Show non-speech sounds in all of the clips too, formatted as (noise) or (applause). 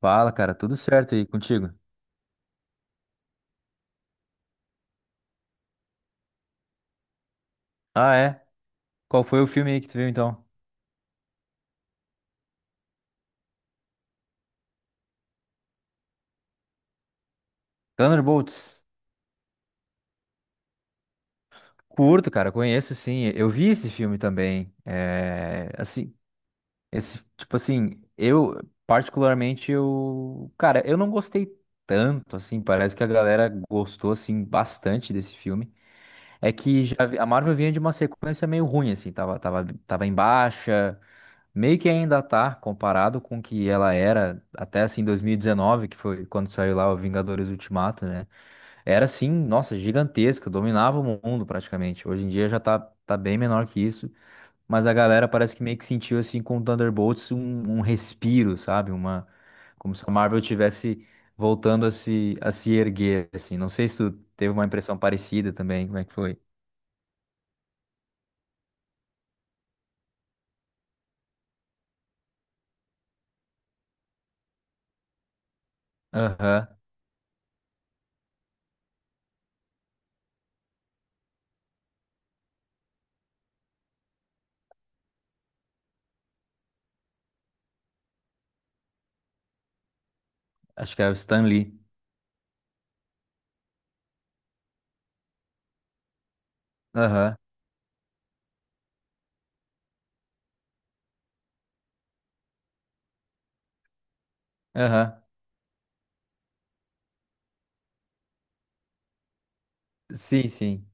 Fala, cara, tudo certo aí contigo? Ah, é? Qual foi o filme aí que tu viu então? Thunderbolts. Curto, cara, conheço sim. Eu vi esse filme também. É, assim, esse, tipo assim, eu particularmente eu, cara, eu não gostei tanto assim, parece que a galera gostou assim bastante desse filme. É que já, a Marvel vinha de uma sequência meio ruim, assim, tava em baixa, meio que ainda tá, comparado com o que ela era até, assim, 2019, que foi quando saiu lá o Vingadores Ultimato, né? Era, assim, nossa, gigantesca, dominava o mundo praticamente. Hoje em dia já tá, tá bem menor que isso, mas a galera parece que meio que sentiu, assim, com o Thunderbolts um, um respiro, sabe? Uma, como se a Marvel tivesse voltando a se erguer, assim. Não sei se tu teve uma impressão parecida também, como é que foi? Aham. Acho que é o Stan Lee. Aham. Aham. Sim, sim.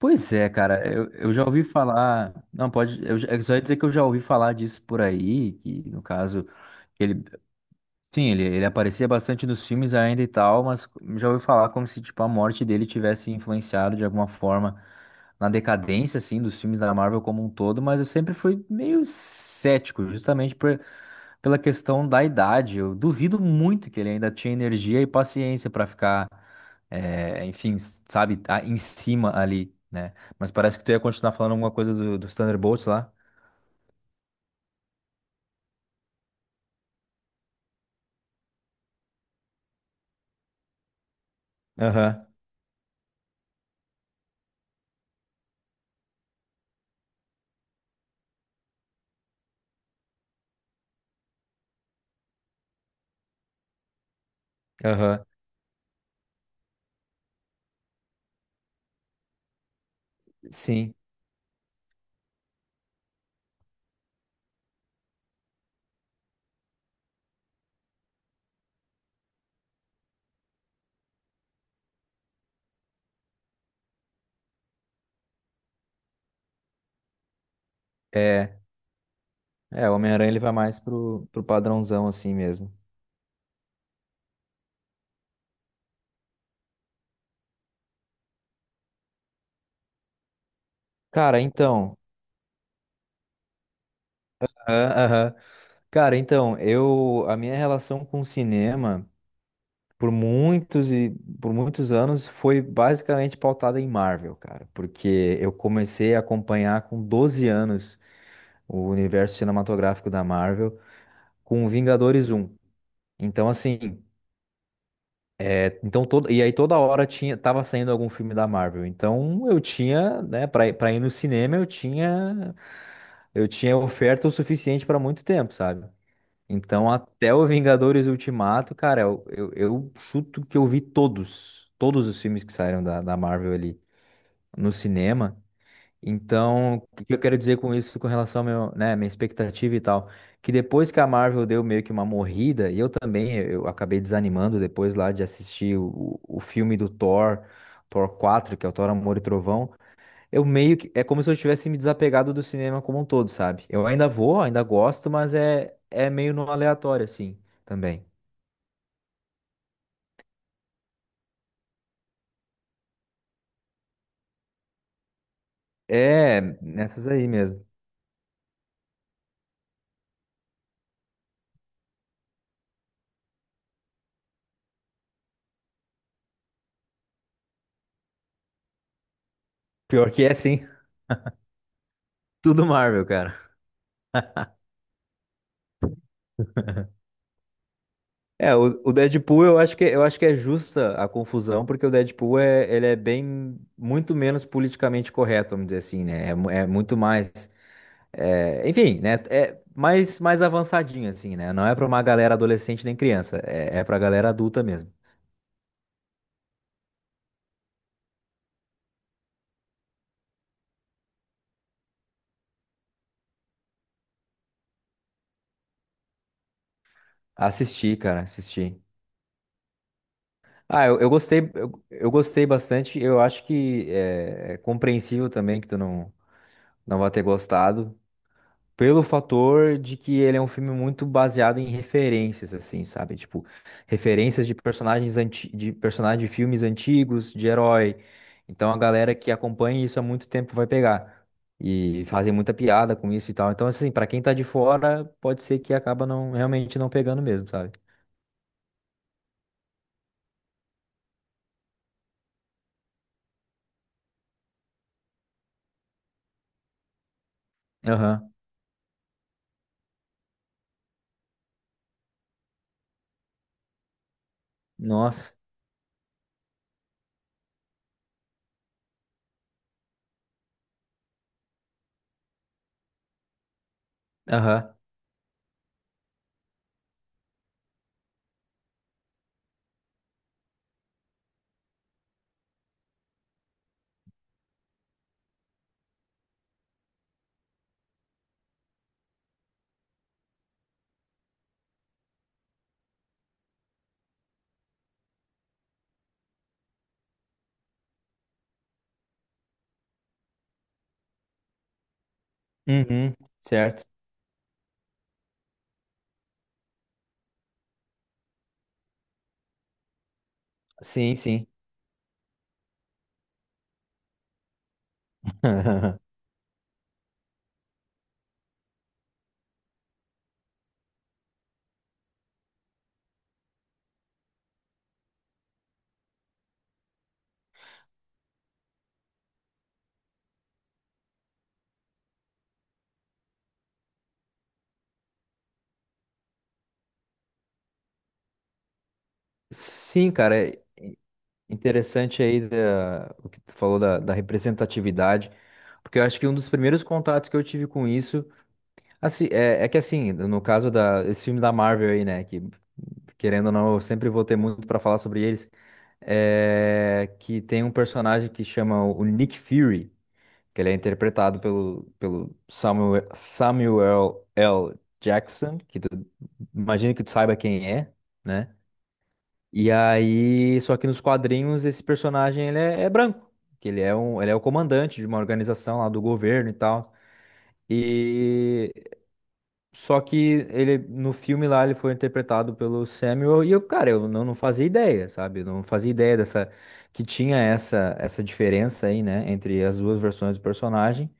Pois é, cara, eu já ouvi falar. Não, pode. Eu só ia dizer que eu já ouvi falar disso por aí, que no caso, ele. Sim, ele aparecia bastante nos filmes ainda e tal, mas já ouvi falar como se, tipo, a morte dele tivesse influenciado de alguma forma na decadência, assim, dos filmes da Marvel como um todo, mas eu sempre fui meio cético, justamente por, pela questão da idade. Eu duvido muito que ele ainda tinha energia e paciência para ficar, enfim, sabe, tá em cima ali, né? Mas parece que tu ia continuar falando alguma coisa dos Thunderbolts lá. Aham, aham, sim. É, é, o Homem-Aranha ele vai mais pro padrãozão assim mesmo. Cara, então. Aham, aham. Cara, então, eu, a minha relação com o cinema. por muitos e por muitos anos foi basicamente pautada em Marvel, cara, porque eu comecei a acompanhar com 12 anos o universo cinematográfico da Marvel com Vingadores um. Então assim, é, então todo, e aí toda hora tinha tava saindo algum filme da Marvel. Então eu tinha, né, para para ir pra ir no cinema, eu tinha oferta o suficiente para muito tempo, sabe? Então, até o Vingadores Ultimato, cara, eu chuto que eu vi todos, todos os filmes que saíram da Marvel ali no cinema. Então, o que eu quero dizer com isso, com relação ao meu, né, minha expectativa e tal, que depois que a Marvel deu meio que uma morrida, e eu também, eu acabei desanimando depois lá de assistir o filme do Thor, Thor 4, que é o Thor Amor e Trovão, eu meio que. É como se eu tivesse me desapegado do cinema como um todo, sabe? Eu ainda vou, ainda gosto, mas é, é meio no aleatório, assim, também. É, nessas aí mesmo. Pior que é, sim, (laughs) tudo Marvel, cara. É, o Deadpool eu acho que é justa a confusão, porque o Deadpool é, ele é bem, muito menos politicamente correto, vamos dizer assim, né? É, é muito mais, é, enfim, né? É mais, mais avançadinho, assim, né? Não é pra uma galera adolescente nem criança, é, é pra galera adulta mesmo. Assisti, cara, assisti. Ah, eu gostei, eu gostei bastante. Eu acho que é, é compreensível também que tu não, não vai ter gostado, pelo fator de que ele é um filme muito baseado em referências, assim, sabe? Tipo, referências de personagens anti, de personagens de filmes antigos, de herói. Então a galera que acompanha isso há muito tempo vai pegar. E fazem muita piada com isso e tal. Então, assim, pra quem tá de fora, pode ser que acaba não, realmente não pegando mesmo, sabe? Aham. Nossa. Aham. Uhum, certo. Sim, sim. (laughs) Sim, cara, é interessante aí da- o que tu falou da representatividade, porque eu acho que um dos primeiros contatos que eu tive com isso, assim, é, é que assim, no caso da, esse filme da Marvel aí, né, que querendo ou não, eu sempre vou ter muito pra falar sobre eles, é que tem um personagem que chama o Nick Fury, que ele é interpretado pelo Samuel, Samuel L. Jackson, que tu imagina que tu saiba quem é, né? E aí, só que nos quadrinhos esse personagem ele é, é branco, que ele é um, ele é o comandante de uma organização lá do governo e tal. E só que ele no filme lá ele foi interpretado pelo Samuel e eu, cara, eu não, não fazia ideia, sabe? Eu não fazia ideia dessa que tinha essa diferença aí, né, entre as duas versões do personagem.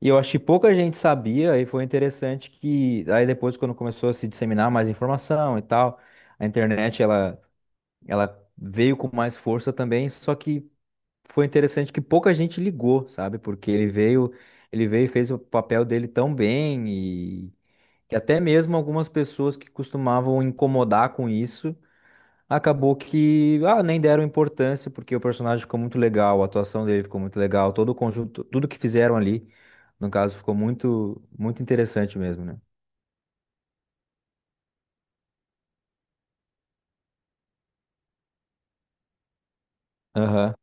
E eu acho que pouca gente sabia, e foi interessante que aí depois quando começou a se disseminar mais informação e tal, a internet ela ela veio com mais força também, só que foi interessante que pouca gente ligou, sabe? Porque ele veio e fez o papel dele tão bem e que até mesmo algumas pessoas que costumavam incomodar com isso acabou que ah, nem deram importância, porque o personagem ficou muito legal, a atuação dele ficou muito legal, todo o conjunto, tudo que fizeram ali, no caso, ficou muito, muito interessante mesmo, né? Aham.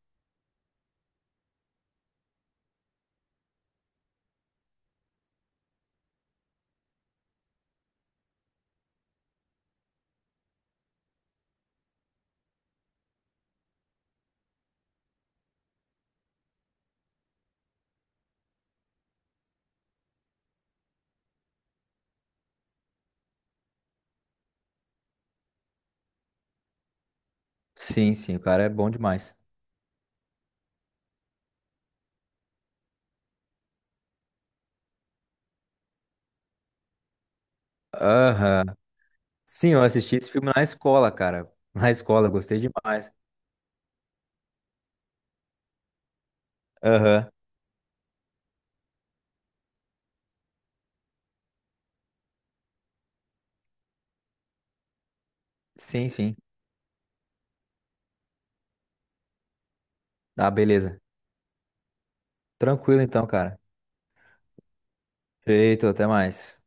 Sim, sim, o cara é bom demais. Aham. Sim, eu assisti esse filme na escola, cara. Na escola, gostei demais. Aham. Sim, sim. Ah, beleza. Tranquilo então, cara. Feito, até mais.